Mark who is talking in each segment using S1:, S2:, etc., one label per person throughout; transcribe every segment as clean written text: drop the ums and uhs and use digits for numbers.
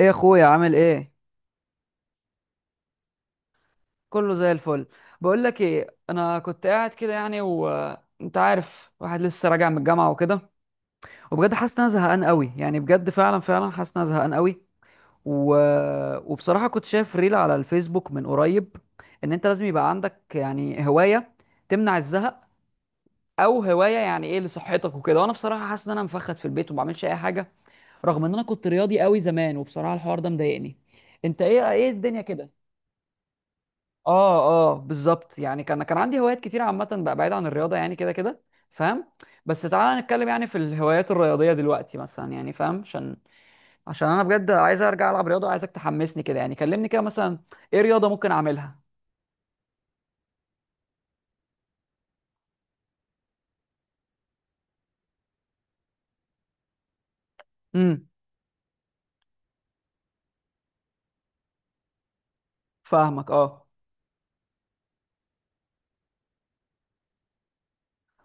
S1: ايه يا اخويا، عامل ايه؟ كله زي الفل. بقول لك ايه، انا كنت قاعد كده يعني وانت عارف واحد لسه راجع من الجامعه وكده، وبجد حاسس ان انا زهقان قوي يعني، بجد فعلا فعلا حاسس ان انا زهقان قوي و... وبصراحه كنت شايف ريل على الفيسبوك من قريب ان انت لازم يبقى عندك يعني هوايه تمنع الزهق، او هوايه يعني ايه لصحتك وكده. وانا بصراحه حاسس ان انا مفخد في البيت وما بعملش اي حاجه رغم ان انا كنت رياضي قوي زمان، وبصراحه الحوار ده مضايقني. انت ايه الدنيا كده؟ اه اه، بالظبط. يعني كان عندي هوايات كتير عامة بقى بعيد عن الرياضة يعني كده كده، فاهم؟ بس تعالى نتكلم يعني في الهوايات الرياضية دلوقتي مثلا، يعني فاهم، عشان، عشان انا بجد عايز ارجع العب رياضة. عايزك تحمسني كده يعني، كلمني كده مثلا، ايه رياضة ممكن اعملها؟ امم فاهمك، اه.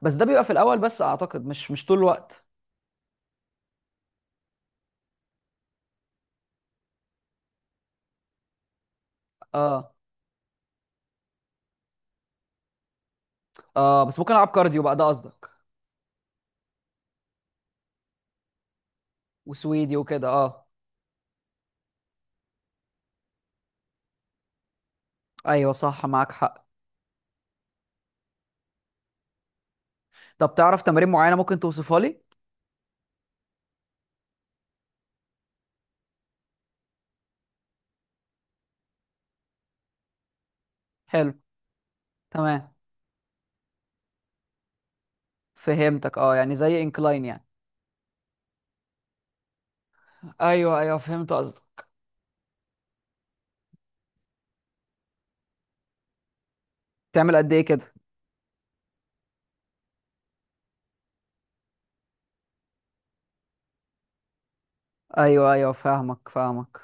S1: بس ده بيبقى في الاول بس، اعتقد مش طول الوقت. اه اه، بس ممكن العب كارديو بقى، ده قصدك؟ وسويدي وكده، اه. ايوه صح، معاك حق. طب تعرف تمارين معينة ممكن توصفها لي؟ حلو. تمام، فهمتك اه، يعني زي انكلاين يعني. ايوه ايوه، فهمت قصدك. تعمل قد ايه كده؟ ايوه ايوه، فاهمك فاهمك.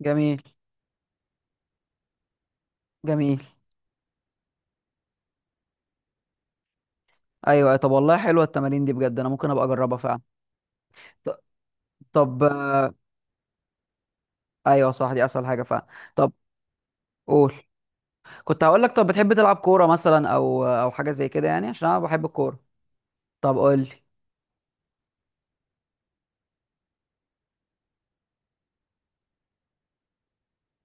S1: جميل، جميل. ايوه ايوه. طب والله حلوه التمارين دي، بجد انا ممكن ابقى اجربها فعلا. ط- طب ايوه صح، دي اسهل حاجه فعلا. طب قول. كنت هقول لك، طب بتحب تلعب كوره مثلا او حاجه زي كده؟ يعني عشان انا بحب الكوره. طب قول لي.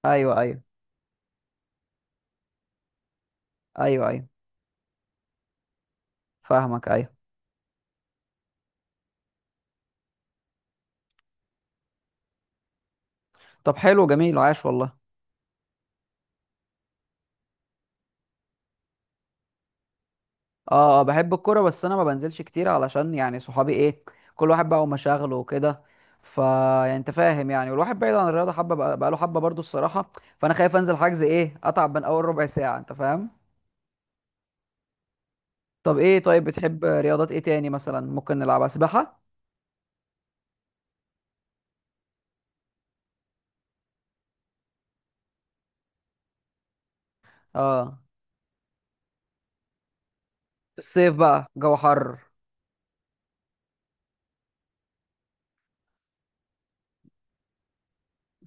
S1: ايوه ايوه، ايوه ايوه. فاهمك، ايوه. طب حلو، جميل، عاش والله. اه اه، بحب الكوره، بس انا ما بنزلش كتير علشان يعني صحابي، ايه، كل واحد بقى ومشاغله وكده. ف يعني انت فاهم يعني، والواحد بعيد عن الرياضه حبه بقى، بقاله حبه برضو الصراحه. فانا خايف انزل حجز، ايه، اتعب من اول ربع ساعه، انت فاهم. طب ايه، طيب بتحب رياضات ايه تاني مثلا ممكن نلعبها؟ سباحه؟ اه، الصيف بقى جو حر.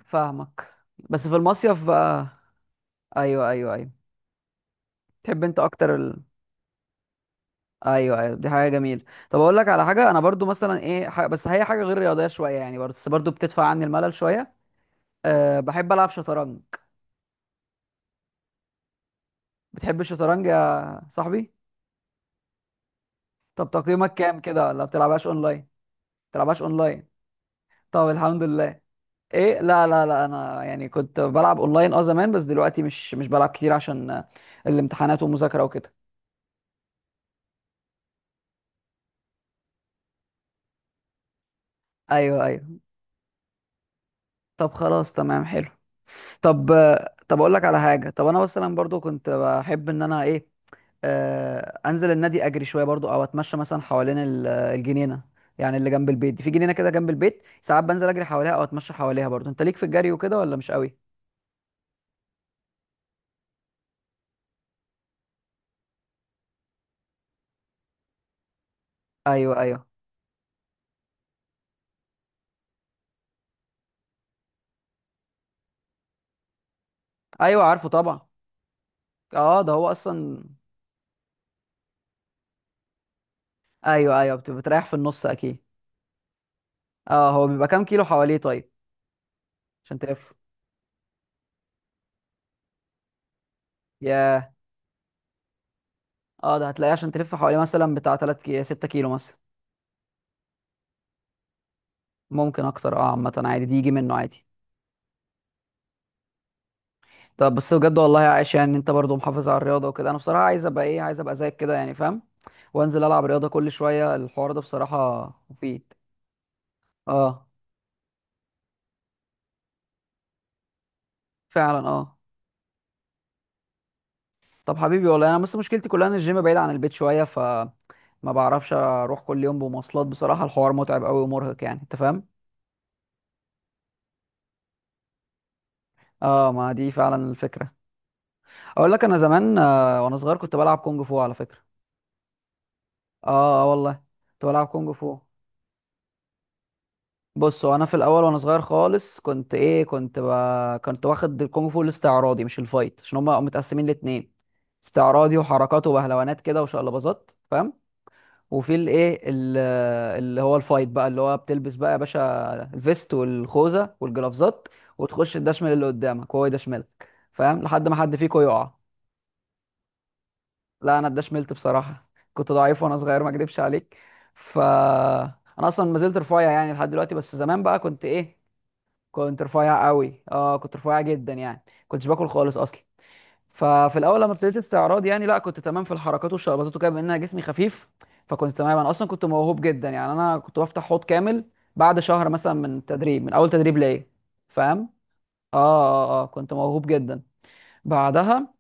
S1: فاهمك. بس في المصيف بقى. ايوه ايوه ايوه، تحب انت اكتر؟ ايوه ايوه، دي حاجه جميله. طب اقول لك على حاجه، انا برضو مثلا، ايه، بس هي حاجه غير رياضيه شويه يعني، برضو، بس برضو بتدفع عني الملل شويه. أه، بحب العب شطرنج. بتحب الشطرنج يا صاحبي؟ طب تقييمك كام كده، ولا بتلعبهاش اونلاين؟ بتلعبهاش اونلاين؟ طب الحمد لله. ايه؟ لا لا لا، انا يعني كنت بلعب اونلاين اه زمان، بس دلوقتي مش بلعب كتير عشان الامتحانات والمذاكره وكده. ايوه ايوه. طب خلاص، تمام، حلو. طب طب اقول لك على حاجه. طب انا مثلا برضو كنت بحب ان انا، ايه، انزل النادي اجري شويه برضو، او اتمشى مثلا حوالين الجنينه يعني اللي جنب البيت دي، في جنينه كده جنب البيت، ساعات بنزل اجري حواليها او اتمشى حواليها. برضو انت ليك في الجري وكده ولا مش قوي؟ ايوه ايوه. ايوه، عارفه طبعا. اه، ده هو اصلا. ايوه ايوه، بتريح في النص اكيد. اه، هو بيبقى كام كيلو حواليه طيب؟ عشان تلف. ياه. اه، ده هتلاقيه عشان تلف حواليه مثلا بتاع 3 كي 6 كيلو مثلا. ممكن اكتر، اه، عامه عادي، دي يجي منه عادي. طب بس بجد والله عايش، يعني انت برضو محافظ على الرياضه وكده. انا بصراحه عايز ابقى، ايه، عايز ابقى زيك كده يعني فاهم، وانزل العب رياضه كل شويه. الحوار ده بصراحه مفيد. اه، فعلا، اه. طب حبيبي والله، انا بس مشكلتي كلها ان الجيم بعيد عن البيت شويه، ف ما بعرفش اروح كل يوم بمواصلات، بصراحه الحوار متعب قوي ومرهق يعني، انت فاهم. اه، ما دي فعلا الفكره. اقول لك، انا زمان وانا صغير كنت بلعب كونج فو على فكره. اه اه، والله. كنت بلعب كونج فو. بص هو انا في الاول وانا صغير خالص كنت، ايه، كنت واخد الكونغ فو الاستعراضي مش الفايت، عشان هما متقسمين لاتنين، استعراضي وحركات وبهلوانات كده وشقلباظات، فاهم. وفي الايه، اللي هو الفايت بقى، اللي هو بتلبس بقى يا باشا الفيست والخوذه والجلافزات، وتخش تدشمل اللي قدامك وهو يدشملك، فاهم، لحد ما حد فيكم يقع. لا، انا اتدشملت بصراحه. كنت ضعيف وانا صغير، ما اكدبش عليك. ف انا اصلا ما زلت رفيع يعني لحد دلوقتي، بس زمان بقى كنت، ايه، كنت رفيع قوي، اه، كنت رفيع جدا يعني، كنتش باكل خالص اصلا. ففي الاول لما ابتديت استعراض يعني، لا كنت تمام في الحركات والشربات وكده، بما ان أنا جسمي خفيف. فكنت تمام، انا اصلا كنت موهوب جدا يعني، انا كنت بفتح حوض كامل بعد شهر مثلا من التدريب، من اول تدريب ليا، فاهم. اه اه اه، كنت موهوب جدا. بعدها،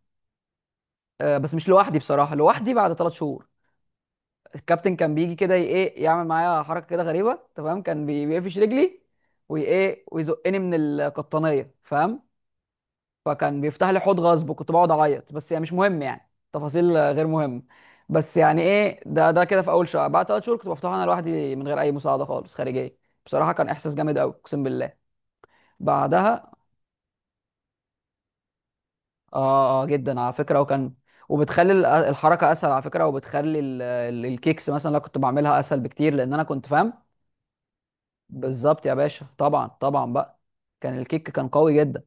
S1: آه، بس مش لوحدي بصراحه، لوحدي بعد ثلاث شهور. الكابتن كان بيجي كده ايه يعمل معايا حركه كده غريبه تمام، كان بيقفش رجلي، وايه، ويزقني من القطنيه، فاهم. فكان بيفتح لي حوض غصب، وكنت بقعد اعيط، بس يعني مش مهم، يعني تفاصيل غير مهمه. بس يعني ايه، ده كده في اول شهر، بعد ثلاث شهور كنت بفتحه انا لوحدي من غير اي مساعده خالص خارجيه. بصراحه كان احساس جامد قوي، اقسم بالله. بعدها، اه اه، جدا على فكره. وكان، وبتخلي الحركه اسهل على فكره، وبتخلي الكيكس مثلا اللي أنا كنت بعملها اسهل بكتير، لان انا كنت فاهم. بالظبط يا باشا، طبعا طبعا بقى. كان الكيك كان قوي جدا.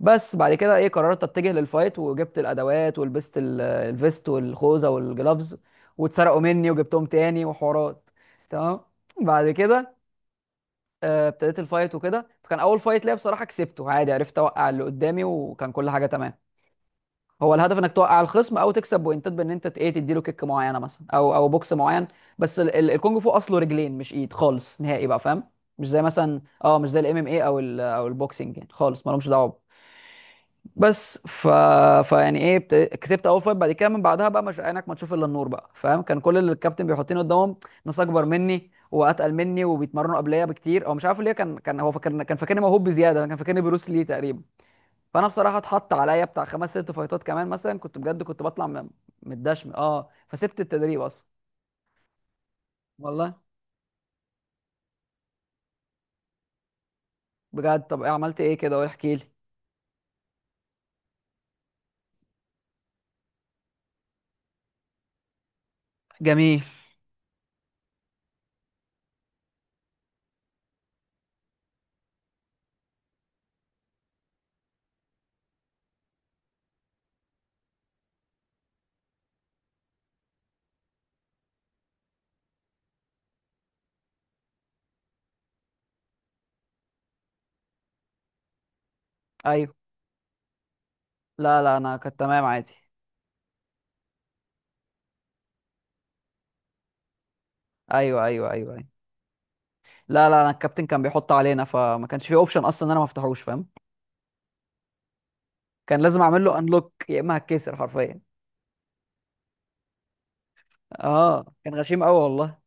S1: بس بعد كده، ايه، قررت اتجه للفايت، وجبت الادوات ولبست الفيست والخوذه والجلافز، واتسرقوا مني وجبتهم تاني وحوارات. تمام. بعد كده ابتديت الفايت وكده، فكان اول فايت ليا بصراحه كسبته عادي، عرفت اوقع اللي قدامي، وكان كل حاجه تمام. هو الهدف انك توقع الخصم او تكسب بوينتات، بان انت ايه تديله كيك معينه مثلا او بوكس معين. بس الكونج فو اصله رجلين، مش ايد خالص نهائي بقى، فاهم. مش زي الام ام اي، او البوكسنج يعني، خالص مالهمش دعوه. بس ف فيعني ايه كسبت اول فايت، بعد كده من بعدها بقى مش عينك ما تشوف الا النور بقى، فاهم. كان كل اللي الكابتن بيحطني قدامهم ناس اكبر مني واتقل مني وبيتمرنوا قبليه بكتير. هو مش عارف ليه، كان هو فاكر، كان فاكرني موهوب بزياده، كان فاكرني بروس لي تقريبا. فانا بصراحه اتحط عليا بتاع خمس ست فايتات كمان مثلا، كنت بجد كنت بطلع متدشم، اه، فسبت التدريب اصلا. والله. بجد، طب إيه، عملت ايه كده؟ احكي لي. جميل. ايوه. لا لا، انا كنت تمام عادي. ايوه ايوه، ايوه ايوه. لا لا، انا الكابتن كان بيحط علينا، فما كانش في اوبشن اصلا ان انا ما افتحوش، فاهم. كان لازم اعمل له انلوك يا اما هتكسر حرفيا. اه كان غشيم قوي والله.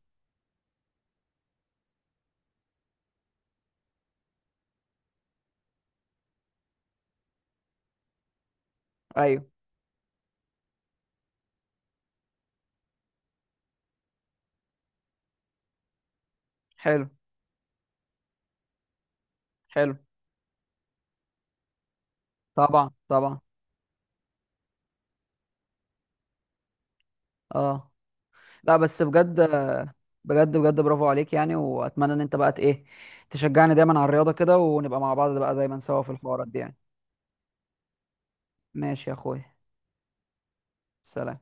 S1: ايوه. حلو، حلو. طبعا طبعا، اه. لا بس بجد، بجد بجد، برافو عليك يعني. واتمنى ان انت بقى ايه تشجعني دايما على الرياضه كده، ونبقى مع بعض بقى دايما سوا في الحوارات دي يعني. ماشي يا اخويا. سلام.